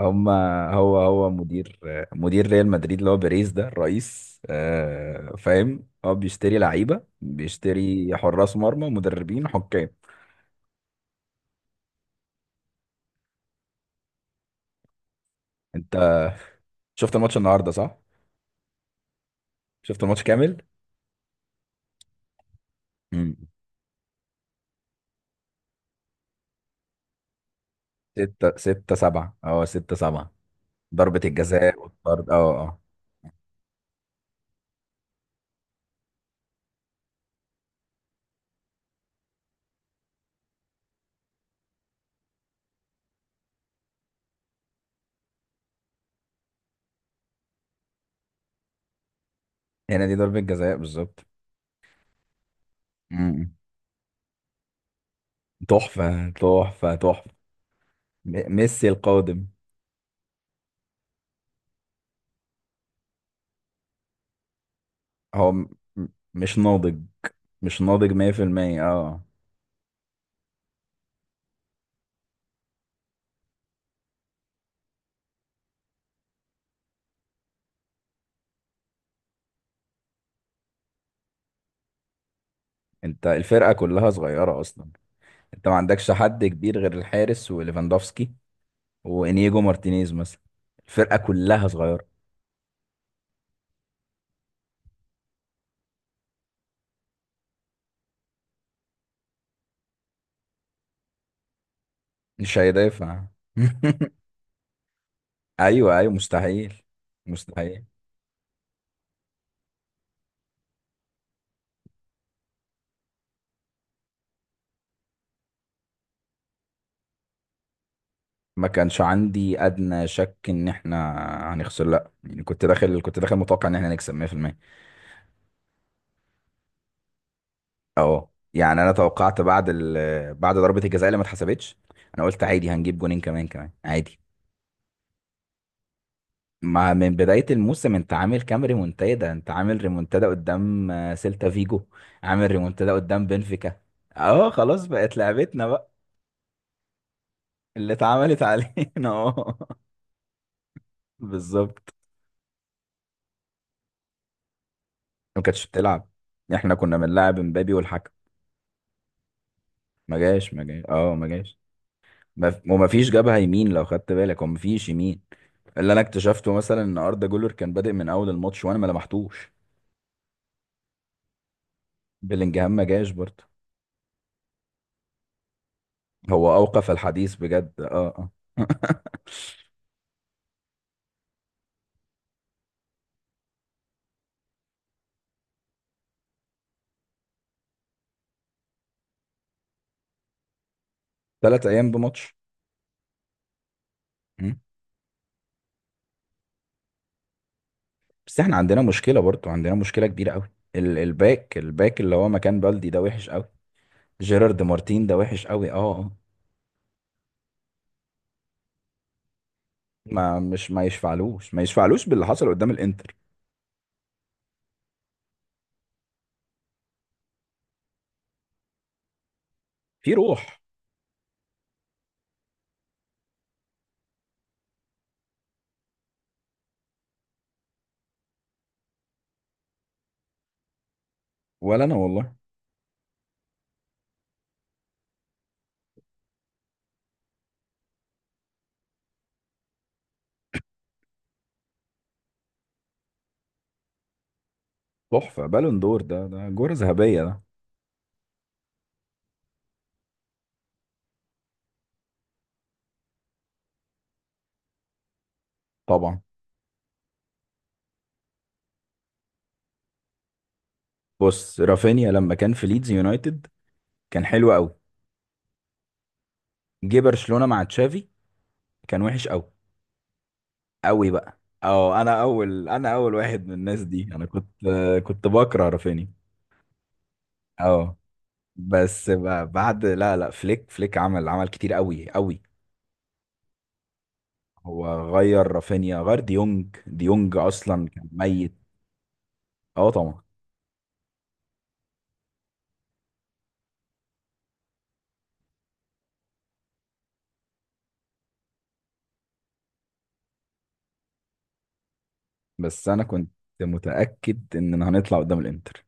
هم هو مدير ريال مدريد اللي هو بيريز ده الرئيس، فاهم. هو بيشتري لعيبه بيشتري حراس مرمى مدربين حكام. انت شفت الماتش النهارده صح؟ شفت الماتش كامل؟ امم ستة ستة سبعة اه ستة سبعة. ضربة الجزاء والطرد اه اه. هنا دي ضربة جزاء بالظبط. امم تحفة تحفة تحفة. ميسي القادم. هو م- مش ناضج، مش ناضج 100%. اه انت الفرقة كلها صغيرة اصلا. انت ما عندكش حد كبير غير الحارس وليفاندوفسكي وانيجو مارتينيز مثلا. الفرقه كلها صغيره. مش هيدافع. ايوه، ايوه مستحيل، مستحيل. ما كانش عندي ادنى شك ان احنا هنخسر. لا يعني كنت داخل متوقع ان احنا نكسب 100%. اه يعني انا توقعت بعد بعد ضربة الجزاء اللي ما اتحسبتش. انا قلت عادي هنجيب جونين كمان كمان عادي. مع من بداية الموسم انت عامل كام ريمونتادا؟ انت عامل ريمونتادا قدام سيلتا فيجو، عامل ريمونتادا قدام بنفيكا. اه خلاص بقت لعبتنا بقى. اللي اتعملت علينا اه بالظبط. ما كانتش بتلعب، احنا كنا بنلعب مبابي والحكم. ما جاش ما جاش اه ما جاش. وما فيش جبهة يمين لو خدت بالك، وما فيش يمين. اللي انا اكتشفته مثلا ان اردا جولر كان بادئ من اول الماتش وانا ما لمحتوش. بلينجهام ما جاش برضه. هو اوقف الحديث بجد اه اه. 3 ايام بماتش. مم. بس احنا عندنا مشكله برضو، عندنا مشكله كبيره قوي، الباك اللي هو مكان بلدي ده وحش قوي. جيرارد مارتين ده وحش قوي اه آه. ما يشفعلوش باللي حصل قدام الانتر. في روح. ولا انا والله. تحفه، بالون دور ده جوره ذهبيه ده. طبعا. بص رافينيا لما كان في ليدز يونايتد كان حلو قوي. جه برشلونه مع تشافي كان وحش قوي، قوي بقى. اه انا اول واحد من الناس دي، انا كنت. كنت بكره رافينيا اه. بس بعد لا لا فليك عمل كتير قوي قوي. هو غير رافينيا، غير ديونج اصلا كان ميت. اه طبعا. بس انا كنت متأكد اننا هنطلع قدام الانتر.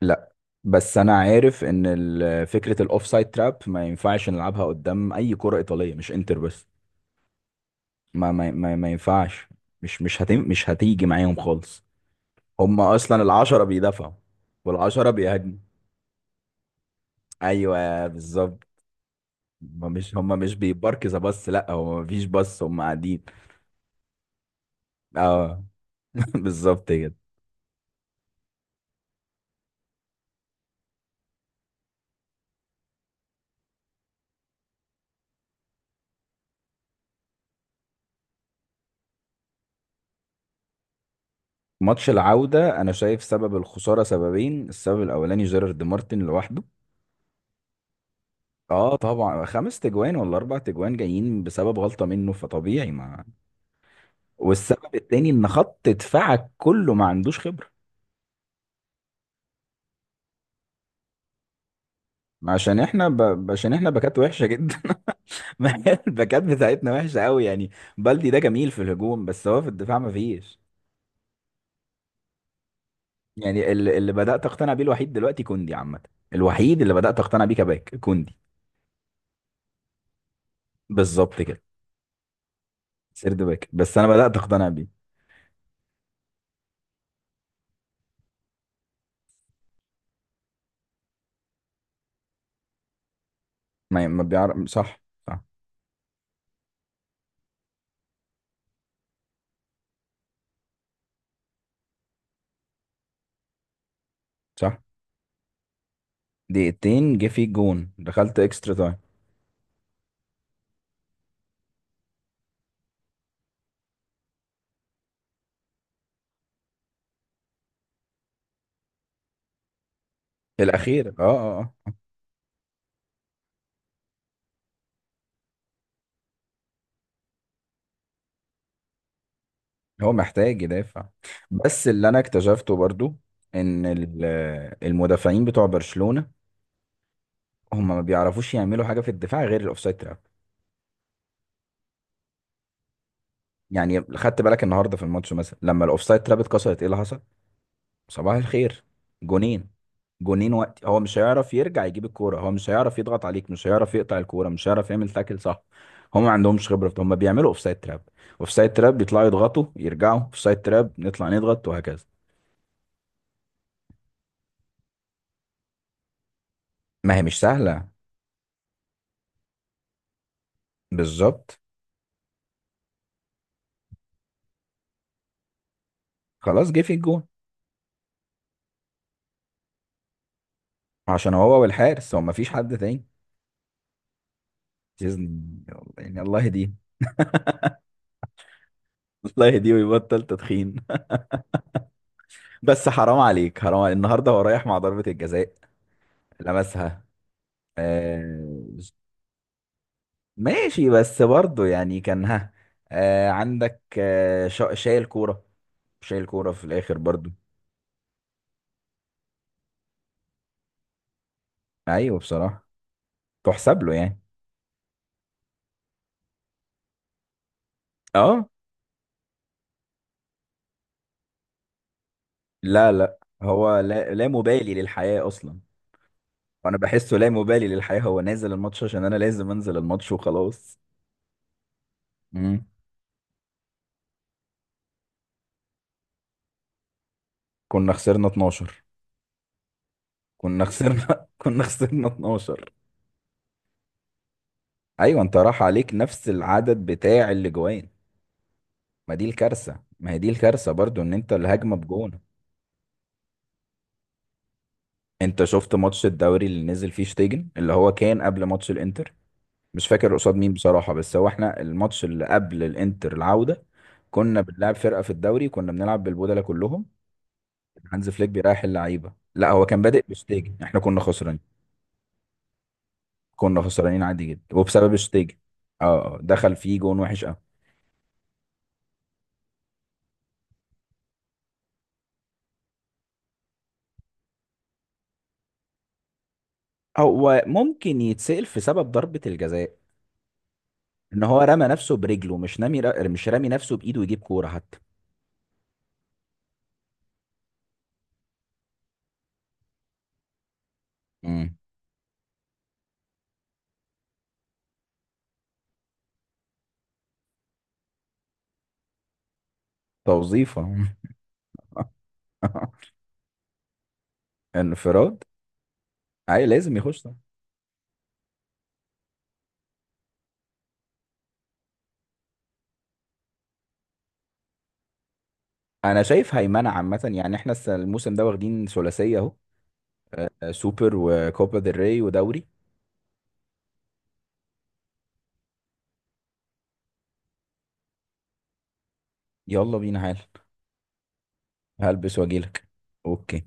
لا بس انا عارف ان فكرة الاوف سايد تراب ما ينفعش نلعبها قدام اي كرة ايطالية، مش انتر بس. ما ينفعش. مش هتيجي معاهم خالص. هم اصلا العشرة بيدافعوا والعشرة بيهاجموا. ايوه بالظبط. هما مش بيباركزا بس، لا هو مفيش بس هما قاعدين. اه بالظبط كده. ماتش العودة انا شايف سبب الخسارة سببين. السبب الاولاني جيرارد مارتن لوحده. اه طبعا خمس تجوان ولا اربع تجوان جايين بسبب غلطة منه، فطبيعي ما. والسبب التاني ان خط دفاعك كله ما عندوش خبرة. عشان احنا باكات وحشة جدا. ما هي الباكات بتاعتنا وحشة قوي يعني. بلدي ده جميل في الهجوم بس هو في الدفاع ما فيش. يعني اللي بدأت أقتنع بيه الوحيد دلوقتي كوندي عامة. الوحيد اللي بدأت أقتنع بيه كباك كوندي. بالظبط كده. سيرد باك، بس أنا بدأت أقتنع بيه. ما بيعرف. صح، صح، صح. دقيقتين، جه في جون دخلت اكسترا تايم. الأخير اه اه اه. هو محتاج يدافع. بس اللي أنا اكتشفته برضو إن المدافعين بتوع برشلونة هم ما بيعرفوش يعملوا حاجة في الدفاع غير الأوفسايد تراب. يعني خدت بالك النهارده في الماتش مثلا لما الأوفسايد تراب اتكسرت إيه اللي حصل؟ صباح الخير. جونين جونين وقت هو مش هيعرف يرجع يجيب الكوره، هو مش هيعرف يضغط عليك، مش هيعرف يقطع الكوره، مش هيعرف يعمل تاكل صح. هم ما عندهمش خبره في ده. هم بيعملوا اوفسايد تراب اوفسايد تراب، بيطلعوا يضغطوا يرجعوا اوفسايد تراب، نطلع نضغط وهكذا. ما هي مش سهله. بالظبط خلاص جه في الجون. عشان هو والحارس هو ما فيش حد تاني. يزن- يعني الله يهديه. الله يهديه ويبطل تدخين. بس حرام عليك، حرام عليك. النهارده هو رايح مع ضربه الجزاء لمسها. آه، ماشي بس برضه يعني كان ها آه عندك شايل كورة. شايل كورة في الآخر برضه. أيوه بصراحة تحسب له يعني اه. لا لا هو لا مبالي للحياة أصلا. وأنا بحسه لا مبالي للحياة. هو نازل الماتش عشان أنا لازم أنزل الماتش وخلاص. مم. كنا خسرنا 12. كنا خسرنا كنا خسرنا 12. أيوه أنت راح عليك نفس العدد بتاع الأجوان. ما دي الكارثة، ما هي دي الكارثة برضه إن أنت الهجمة بجون. انت شفت ماتش الدوري اللي نزل فيه شتيجن اللي هو كان قبل ماتش الانتر. مش فاكر قصاد مين بصراحة، بس هو احنا الماتش اللي قبل الانتر العودة كنا بنلعب فرقة في الدوري، كنا بنلعب بالبودلة كلهم. هانز فليك بيريح اللعيبة، لا هو كان بادئ بشتيجن، احنا كنا خسرانين. كنا خسرانين عادي جدا وبسبب شتيجن اه اه، دخل فيه جون وحش قوي. هو ممكن يتسأل في سبب ضربة الجزاء ان هو رمى نفسه برجله مش نامي، مش رامي نفسه بإيده يجيب كورة حتى. امم توظيفة. انفراد. اي لازم يخش طبعا. انا شايف هيمنه عامه يعني احنا الموسم ده واخدين ثلاثيه اهو. سوبر وكوبا ديل ري ودوري. يلا بينا حال. هلبس واجيلك. اوكي.